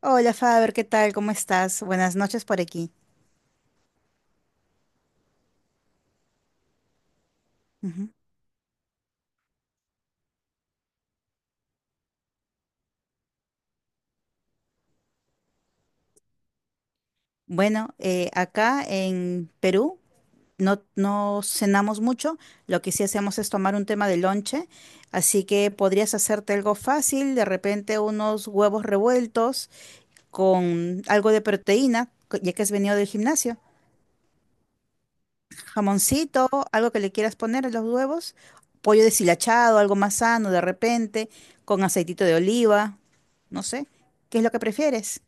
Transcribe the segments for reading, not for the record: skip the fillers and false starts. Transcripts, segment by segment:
Hola Faber, ¿qué tal? ¿Cómo estás? Buenas noches por aquí. Ujú. Bueno, acá en Perú no, no cenamos mucho, lo que sí hacemos es tomar un tema de lonche, así que podrías hacerte algo fácil, de repente unos huevos revueltos con algo de proteína, ya que has venido del gimnasio, jamoncito, algo que le quieras poner a los huevos, pollo deshilachado, algo más sano de repente, con aceitito de oliva, no sé, ¿qué es lo que prefieres?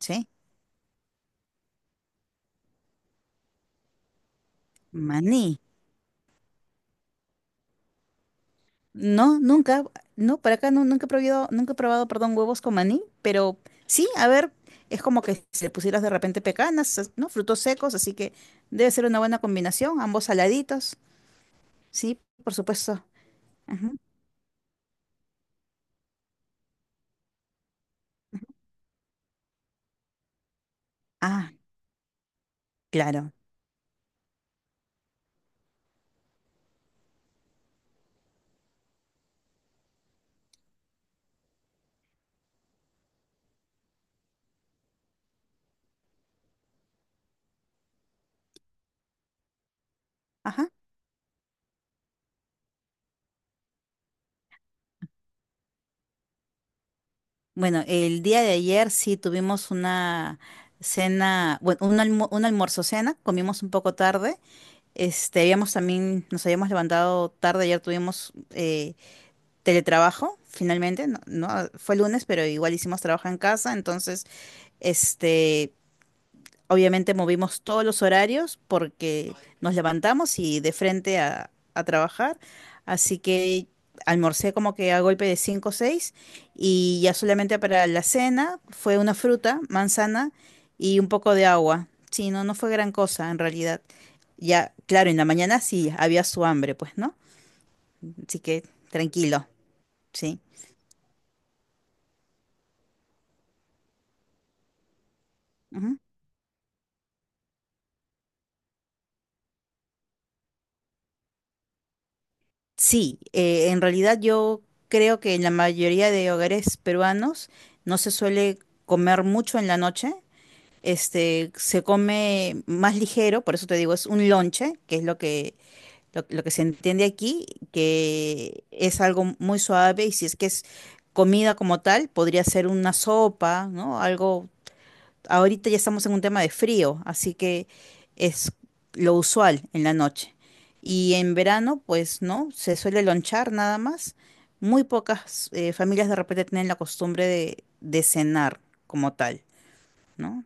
Sí. Maní. No, nunca, no, por acá no, nunca he probado, nunca he probado, perdón, huevos con maní, pero sí, a ver, es como que si le pusieras de repente pecanas, ¿no? Frutos secos, así que debe ser una buena combinación, ambos saladitos, sí, por supuesto. Ajá. Ah, claro. Ajá. Bueno, el día de ayer sí tuvimos una cena, bueno, un almuerzo cena, comimos un poco tarde, este, habíamos también, nos habíamos levantado tarde, ayer tuvimos teletrabajo, finalmente, no, no, fue lunes, pero igual hicimos trabajo en casa, entonces, este, obviamente movimos todos los horarios porque nos levantamos y de frente a trabajar, así que almorcé como que a golpe de 5 o 6 y ya solamente para la cena fue una fruta, manzana y un poco de agua. Sí, no, no fue gran cosa en realidad. Ya, claro, en la mañana sí había su hambre, pues, ¿no? Así que tranquilo, sí. Sí, en realidad yo creo que en la mayoría de hogares peruanos no se suele comer mucho en la noche. Este, se come más ligero, por eso te digo, es un lonche, que es lo que se entiende aquí, que es algo muy suave y si es que es comida como tal, podría ser una sopa, ¿no? Algo ahorita ya estamos en un tema de frío, así que es lo usual en la noche. Y en verano, pues no, se suele lonchar nada más. Muy pocas familias de repente tienen la costumbre de cenar como tal, ¿no?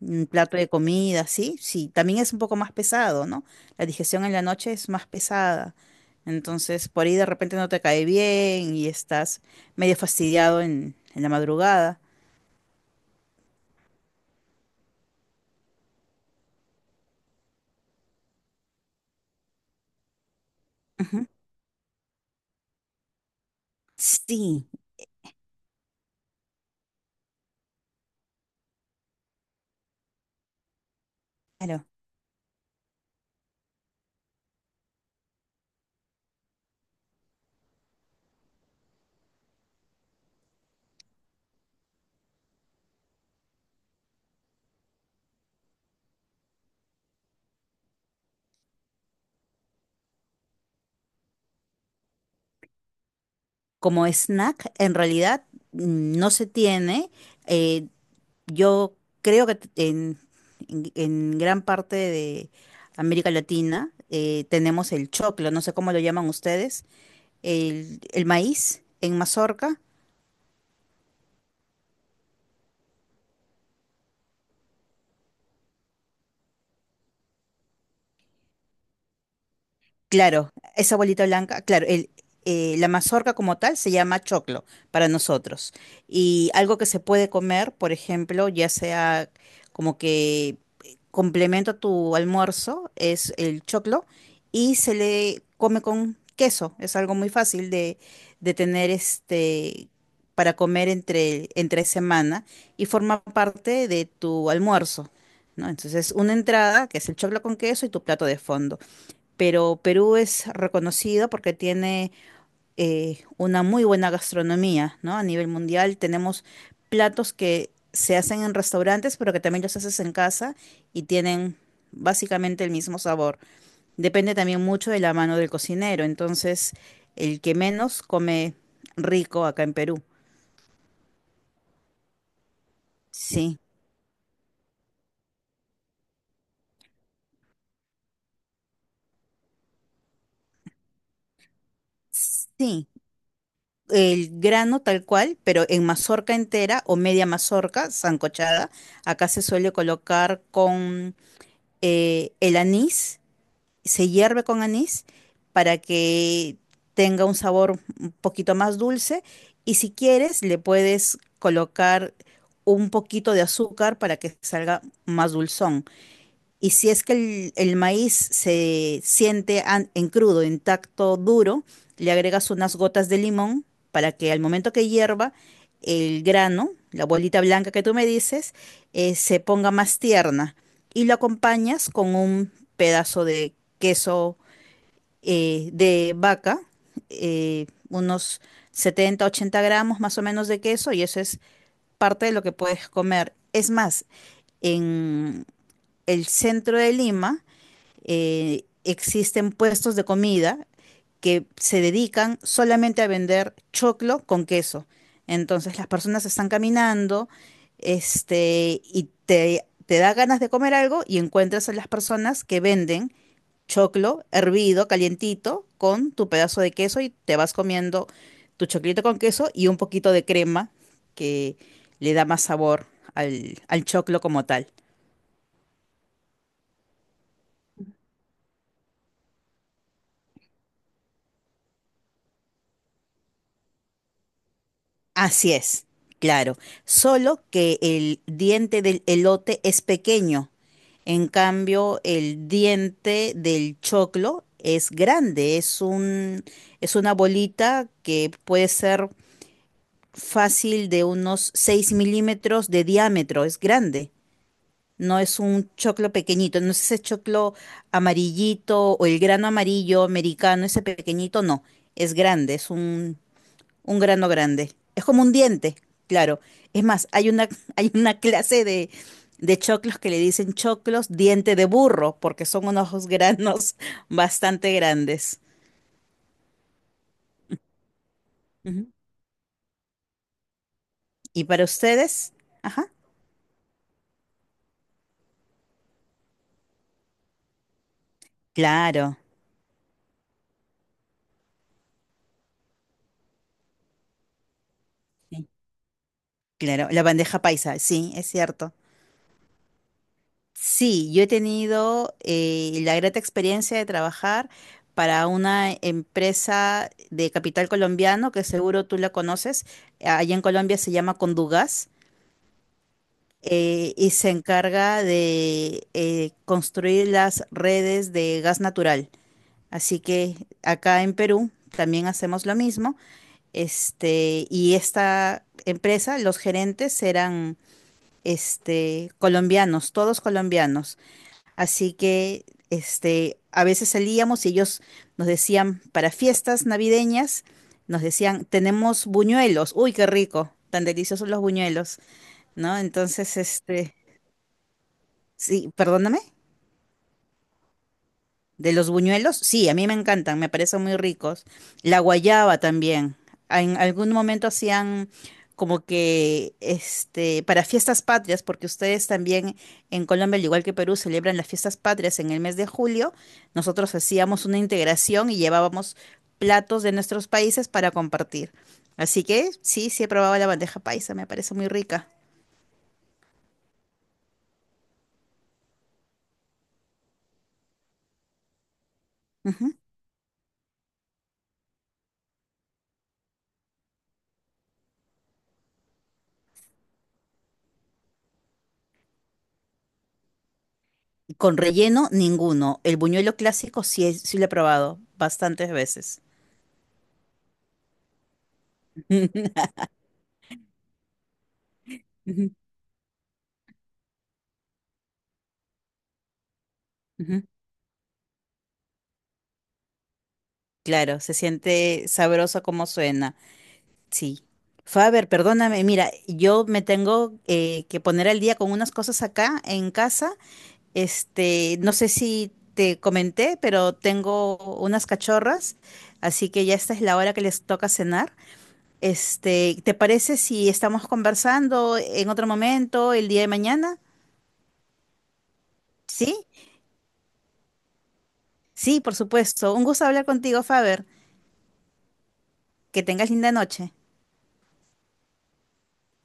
Un plato de comida, sí, sí, también es un poco más pesado, ¿no? La digestión en la noche es más pesada. Entonces, por ahí de repente no te cae bien y estás medio fastidiado en la madrugada. Ujú. Sí, claro. Como snack, en realidad no se tiene. Eh, yo creo que en gran parte de América Latina tenemos el choclo, no sé cómo lo llaman ustedes, el maíz en mazorca. Claro, esa bolita blanca, claro, la mazorca como tal se llama choclo para nosotros. Y algo que se puede comer, por ejemplo, ya sea como que complemento a tu almuerzo, es el choclo y se le come con queso. Es algo muy fácil de tener este para comer entre semana y forma parte de tu almuerzo, ¿no? Entonces, una entrada que es el choclo con queso y tu plato de fondo, pero Perú es reconocido porque tiene una muy buena gastronomía, ¿no? A nivel mundial tenemos platos que se hacen en restaurantes, pero que también los haces en casa y tienen básicamente el mismo sabor. Depende también mucho de la mano del cocinero, entonces el que menos come rico acá en Perú. Sí, sí. El grano tal cual, pero en mazorca entera o media mazorca, sancochada. Acá se suele colocar con el anís, se hierve con anís para que tenga un sabor un poquito más dulce y si quieres le puedes colocar un poquito de azúcar para que salga más dulzón. Y si es que el maíz se siente en crudo, intacto, duro, le agregas unas gotas de limón para que al momento que hierva el grano, la bolita blanca que tú me dices, se ponga más tierna. Y lo acompañas con un pedazo de queso de vaca, unos 70 80 gramos más o menos de queso, y eso es parte de lo que puedes comer. Es más, en el centro de Lima, existen puestos de comida que se dedican solamente a vender choclo con queso. Entonces las personas están caminando, este, y te da ganas de comer algo y encuentras a las personas que venden choclo hervido, calientito, con tu pedazo de queso y te vas comiendo tu choclito con queso y un poquito de crema que le da más sabor al choclo como tal. Así es, claro. Solo que el diente del elote es pequeño. En cambio, el diente del choclo es grande, es un, es una bolita que puede ser fácil de unos 6 milímetros de diámetro, es grande. No es un choclo pequeñito, no es ese choclo amarillito o el grano amarillo americano, ese pequeñito, no. Es grande, es un grano grande. Es como un diente, claro. Es más, hay una, hay una clase de choclos que le dicen choclos diente de burro, porque son unos granos bastante grandes. Ujú. ¿Y para ustedes? Ajá. Claro. Sí, claro. La bandeja paisa, sí, es cierto. Sí, yo he tenido la grata experiencia de trabajar para una empresa de capital colombiano, que seguro tú la conoces. Allá en Colombia se llama Condugas, y se encarga de construir las redes de gas natural. Así que acá en Perú también hacemos lo mismo. Este, y esta empresa, los gerentes eran este, colombianos, todos colombianos. Así que este, a veces salíamos y ellos nos decían, para fiestas navideñas, nos decían, tenemos buñuelos, uy, qué rico, tan deliciosos los buñuelos, ¿no? Entonces, este, sí, perdóname, de los buñuelos, sí, a mí me encantan, me parecen muy ricos. La guayaba también. En algún momento hacían como que este para fiestas patrias, porque ustedes también en Colombia, al igual que Perú, celebran las fiestas patrias en el mes de julio. Nosotros hacíamos una integración y llevábamos platos de nuestros países para compartir. Así que sí, sí he probado la bandeja paisa, me parece muy rica. Con relleno, ninguno. El buñuelo clásico sí, sí lo he probado bastantes veces. Ujú, ujú. Claro, se siente sabroso como suena. Sí. Faber, perdóname, mira, yo me tengo que poner al día con unas cosas acá en casa. Este, no sé si te comenté, pero tengo unas cachorras, así que ya esta es la hora que les toca cenar. Este, ¿te parece si estamos conversando en otro momento el día de mañana? ¿Sí? Sí, por supuesto. Un gusto hablar contigo, Faber. Que tengas linda noche.